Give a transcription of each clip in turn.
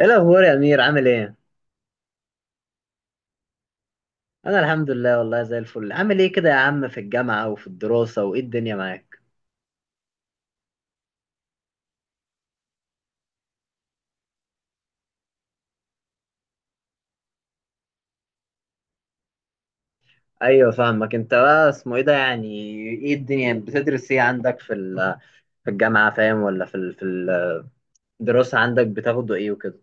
ايه الاخبار يا امير؟ عامل ايه؟ انا الحمد لله والله زي الفل. عامل ايه كده يا عم في الجامعه وفي الدراسه؟ وايه الدنيا معاك؟ ايوه فاهمك. انت بقى اسمه ايه ده يعني، ايه الدنيا؟ بتدرس ايه عندك في في الجامعه؟ فاهم؟ ولا في في الدراسه عندك بتاخده ايه وكده؟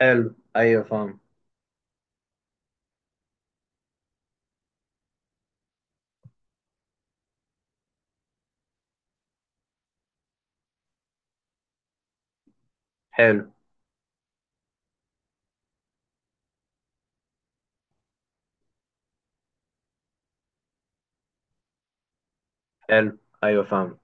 حلو، ايوه فاهم. حلو. حلو، ايوه فاهم.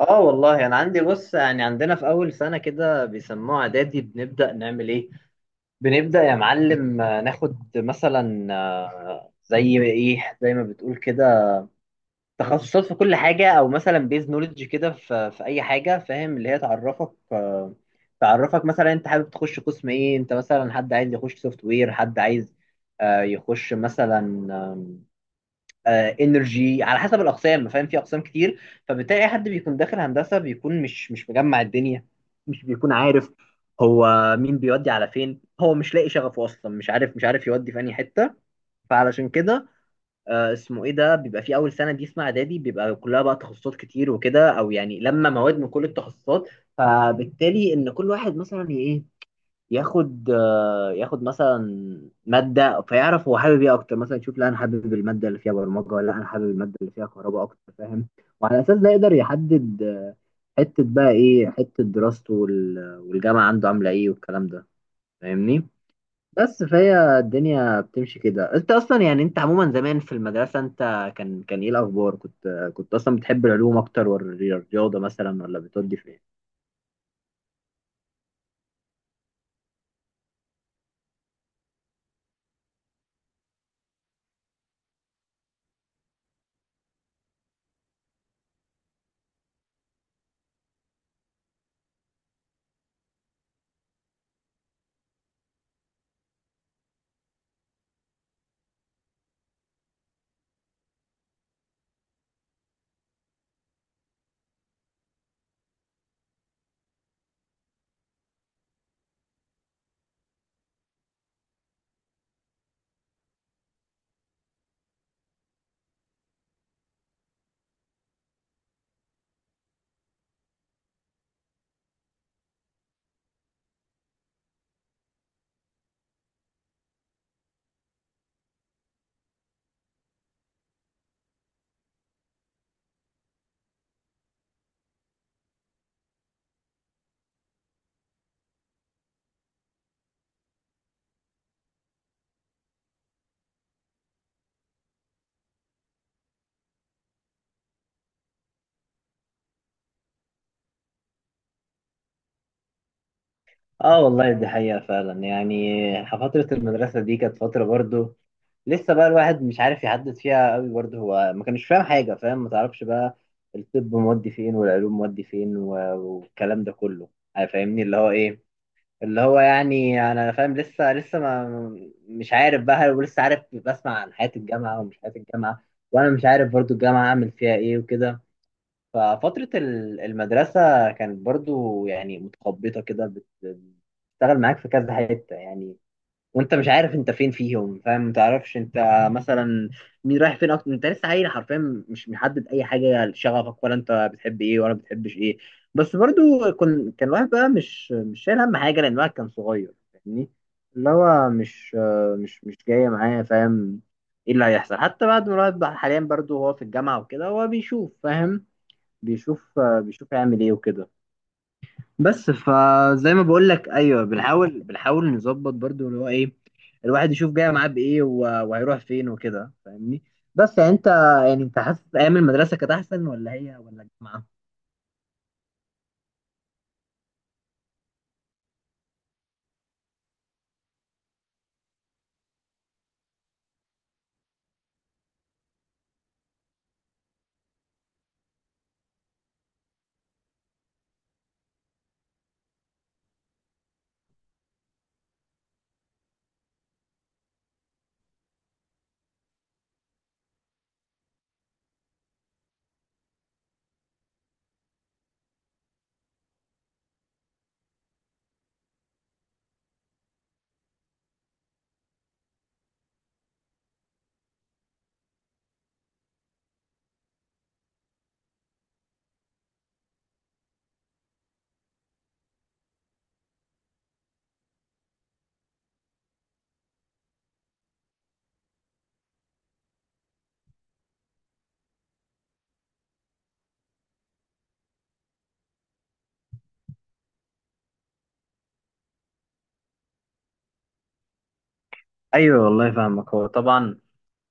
اه والله انا عندي، بص يعني عندنا في اول سنه كده بيسموها اعدادي. بنبدا نعمل ايه؟ بنبدا يا معلم ناخد مثلا، زي ايه، زي ما بتقول كده، تخصصات في كل حاجة، أو مثلا بيز نولج كده في أي حاجة، فاهم؟ اللي هي تعرفك، تعرفك مثلا أنت حابب تخش قسم إيه. أنت مثلا حد عايز يخش سوفت وير، حد عايز يخش مثلا انرجي، على حسب الأقسام. فاهم؟ في أقسام كتير، فبتلاقي أي حد بيكون داخل هندسة بيكون مش مجمع الدنيا، مش بيكون عارف هو مين بيودي على فين. هو مش لاقي شغفه أصلا، مش عارف يودي في أي حتة. فعلشان كده اسمه ايه ده، بيبقى في اول سنه دي اسمها اعدادي، بيبقى كلها بقى تخصصات كتير وكده، او يعني لما مواد من كل التخصصات، فبالتالي ان كل واحد مثلا ايه، ياخد ياخد مثلا ماده، فيعرف هو حابب ايه اكتر. مثلا يشوف، لا انا حابب الماده اللي فيها برمجه، ولا انا حابب الماده اللي فيها كهرباء اكتر. فاهم؟ وعلى اساس ده يقدر يحدد حته بقى ايه، حته دراسته والجامعه عنده عامله ايه والكلام ده. فاهمني؟ بس فهي الدنيا بتمشي كده. انت اصلا يعني انت عموما زمان في المدرسه، انت كان ايه الاخبار، كنت اصلا بتحب العلوم اكتر ولا الرياضه مثلا، ولا بتودي في ايه؟ اه والله دي حقيقة فعلا يعني. فترة المدرسة دي كانت فترة برضو لسه بقى الواحد مش عارف يحدد فيها قوي. برضو هو ما كانش فاهم حاجة، فاهم؟ ما تعرفش بقى الطب مودي فين والعلوم مودي فين والكلام ده كله. فاهمني؟ اللي هو ايه، اللي هو يعني انا فاهم لسه، لسه ما مش عارف بقى ولسه عارف، بسمع عن حياة الجامعة ومش حياة الجامعة، وانا مش عارف برضو الجامعة اعمل فيها ايه وكده. ففترة المدرسة كانت برضو يعني متخبطة كده، بتشتغل معاك في كذا حتة يعني. وانت مش عارف انت فين فيهم. فاهم؟ ما تعرفش انت مثلا مين رايح فين اكتر. انت لسه عيل حرفيا، مش محدد اي حاجه لشغفك، ولا انت بتحب ايه ولا بتحبش ايه. بس برضو كان الواحد بقى مش شايل هم حاجه، لان الواحد كان صغير. فاهمني؟ اللي هو مش جايه معايا. فاهم ايه اللي هيحصل حتى بعد ما الواحد بقى حاليا برضو هو في الجامعه وكده؟ هو بيشوف، فاهم؟ بيشوف بيشوف هيعمل ايه وكده. بس فزي ما بقول لك، ايوه بنحاول، نظبط برضو اللي هو ايه، الواحد يشوف جاي معاه بايه وهيروح فين وكده. فاهمني؟ بس يعني انت، يعني انت حاسس ايام المدرسه كانت احسن ولا هي، ولا الجامعه؟ ايوه والله فاهمك. هو طبعا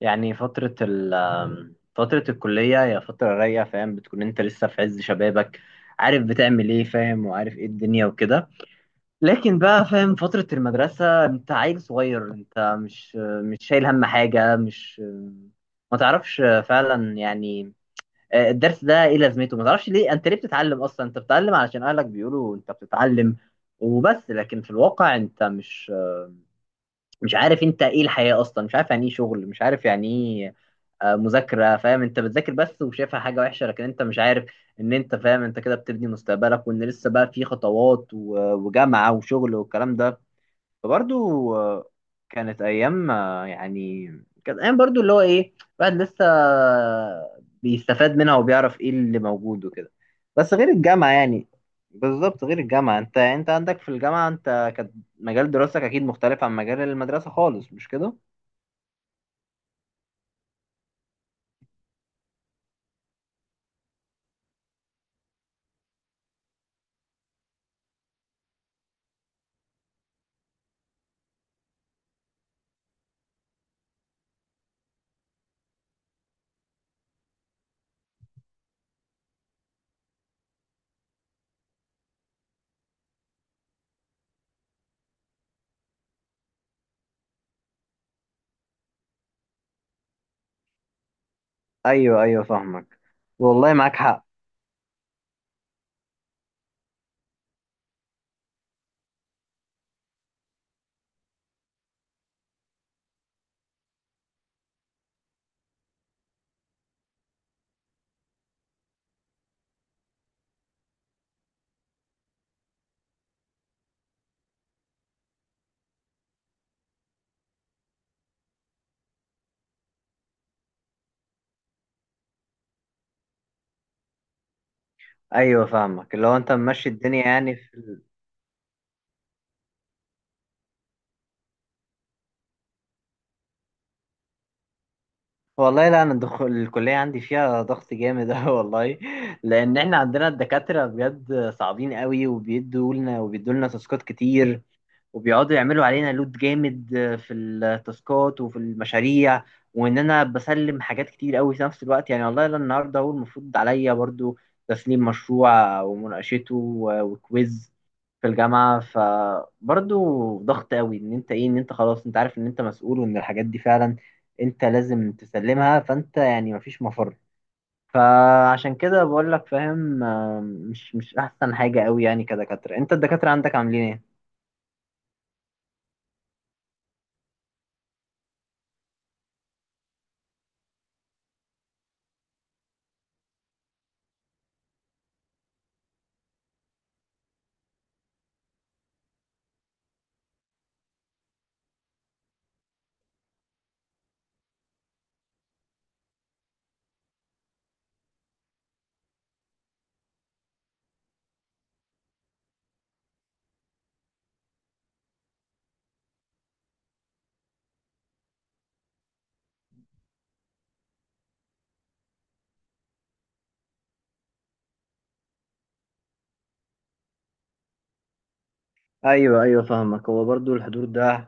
يعني فتره فتره الكليه هي فتره رايقه، فاهم؟ بتكون انت لسه في عز شبابك، عارف بتعمل ايه، فاهم؟ وعارف ايه الدنيا وكده. لكن بقى فاهم، فترة المدرسة انت عيل صغير، انت مش شايل هم حاجة، مش ما تعرفش فعلا يعني. الدرس ده ايه لازمته، ما تعرفش ليه انت ليه بتتعلم اصلا، انت بتتعلم علشان اهلك بيقولوا انت بتتعلم وبس. لكن في الواقع انت مش عارف انت ايه الحياة اصلا، مش عارف يعني ايه شغل، مش عارف يعني ايه مذاكرة. فاهم؟ انت بتذاكر بس وشايفها حاجة وحشة، لكن انت مش عارف ان انت، فاهم، انت كده بتبني مستقبلك، وان لسه بقى في خطوات وجامعة وشغل والكلام ده. فبرضو كانت ايام، يعني كانت ايام برضو اللي هو ايه، الواحد لسه بيستفاد منها وبيعرف ايه اللي موجود وكده. بس غير الجامعة يعني. بالظبط، غير الجامعة. انت عندك في الجامعة انت كانت مجال دراستك اكيد مختلف عن مجال المدرسة خالص، مش كده؟ ايوه ايوه فاهمك. والله معاك حق. ايوه فاهمك، اللي هو انت ممشي الدنيا يعني في، والله لا انا دخول الكليه عندي فيها ضغط جامد أوي والله. لان احنا عندنا الدكاتره بجد صعبين قوي، وبيدوا لنا تاسكات كتير، وبيقعدوا يعملوا علينا لود جامد في التاسكات وفي المشاريع. وان انا بسلم حاجات كتير قوي في نفس الوقت يعني. والله لا النهارده هو المفروض عليا برضو تسليم مشروع ومناقشته وكويز في الجامعه. فبرضو ضغط قوي ان انت ايه، ان انت خلاص انت عارف ان انت مسؤول وان الحاجات دي فعلا انت لازم تسلمها، فانت يعني مفيش مفر. فعشان كده بقول لك، فاهم، مش احسن حاجه قوي يعني. كدكاتره انت الدكاتره عندك عاملين ايه؟ ايوه ايوه فاهمك. هو برضو الحضور ده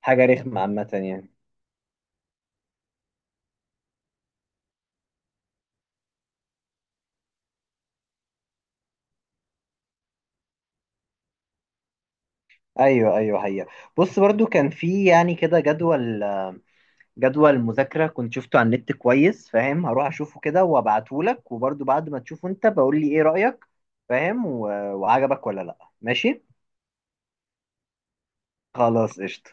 حاجه رخمه عامه يعني. ايوه ايوه. هي بص برضو كان في يعني كده جدول، مذاكره كنت شفته على النت كويس. فاهم؟ هروح اشوفه كده وابعته لك، وبرضو بعد ما تشوفه انت بقول لي ايه رايك. فاهم؟ وعجبك ولا لا، ماشي. خلاص، قشطه.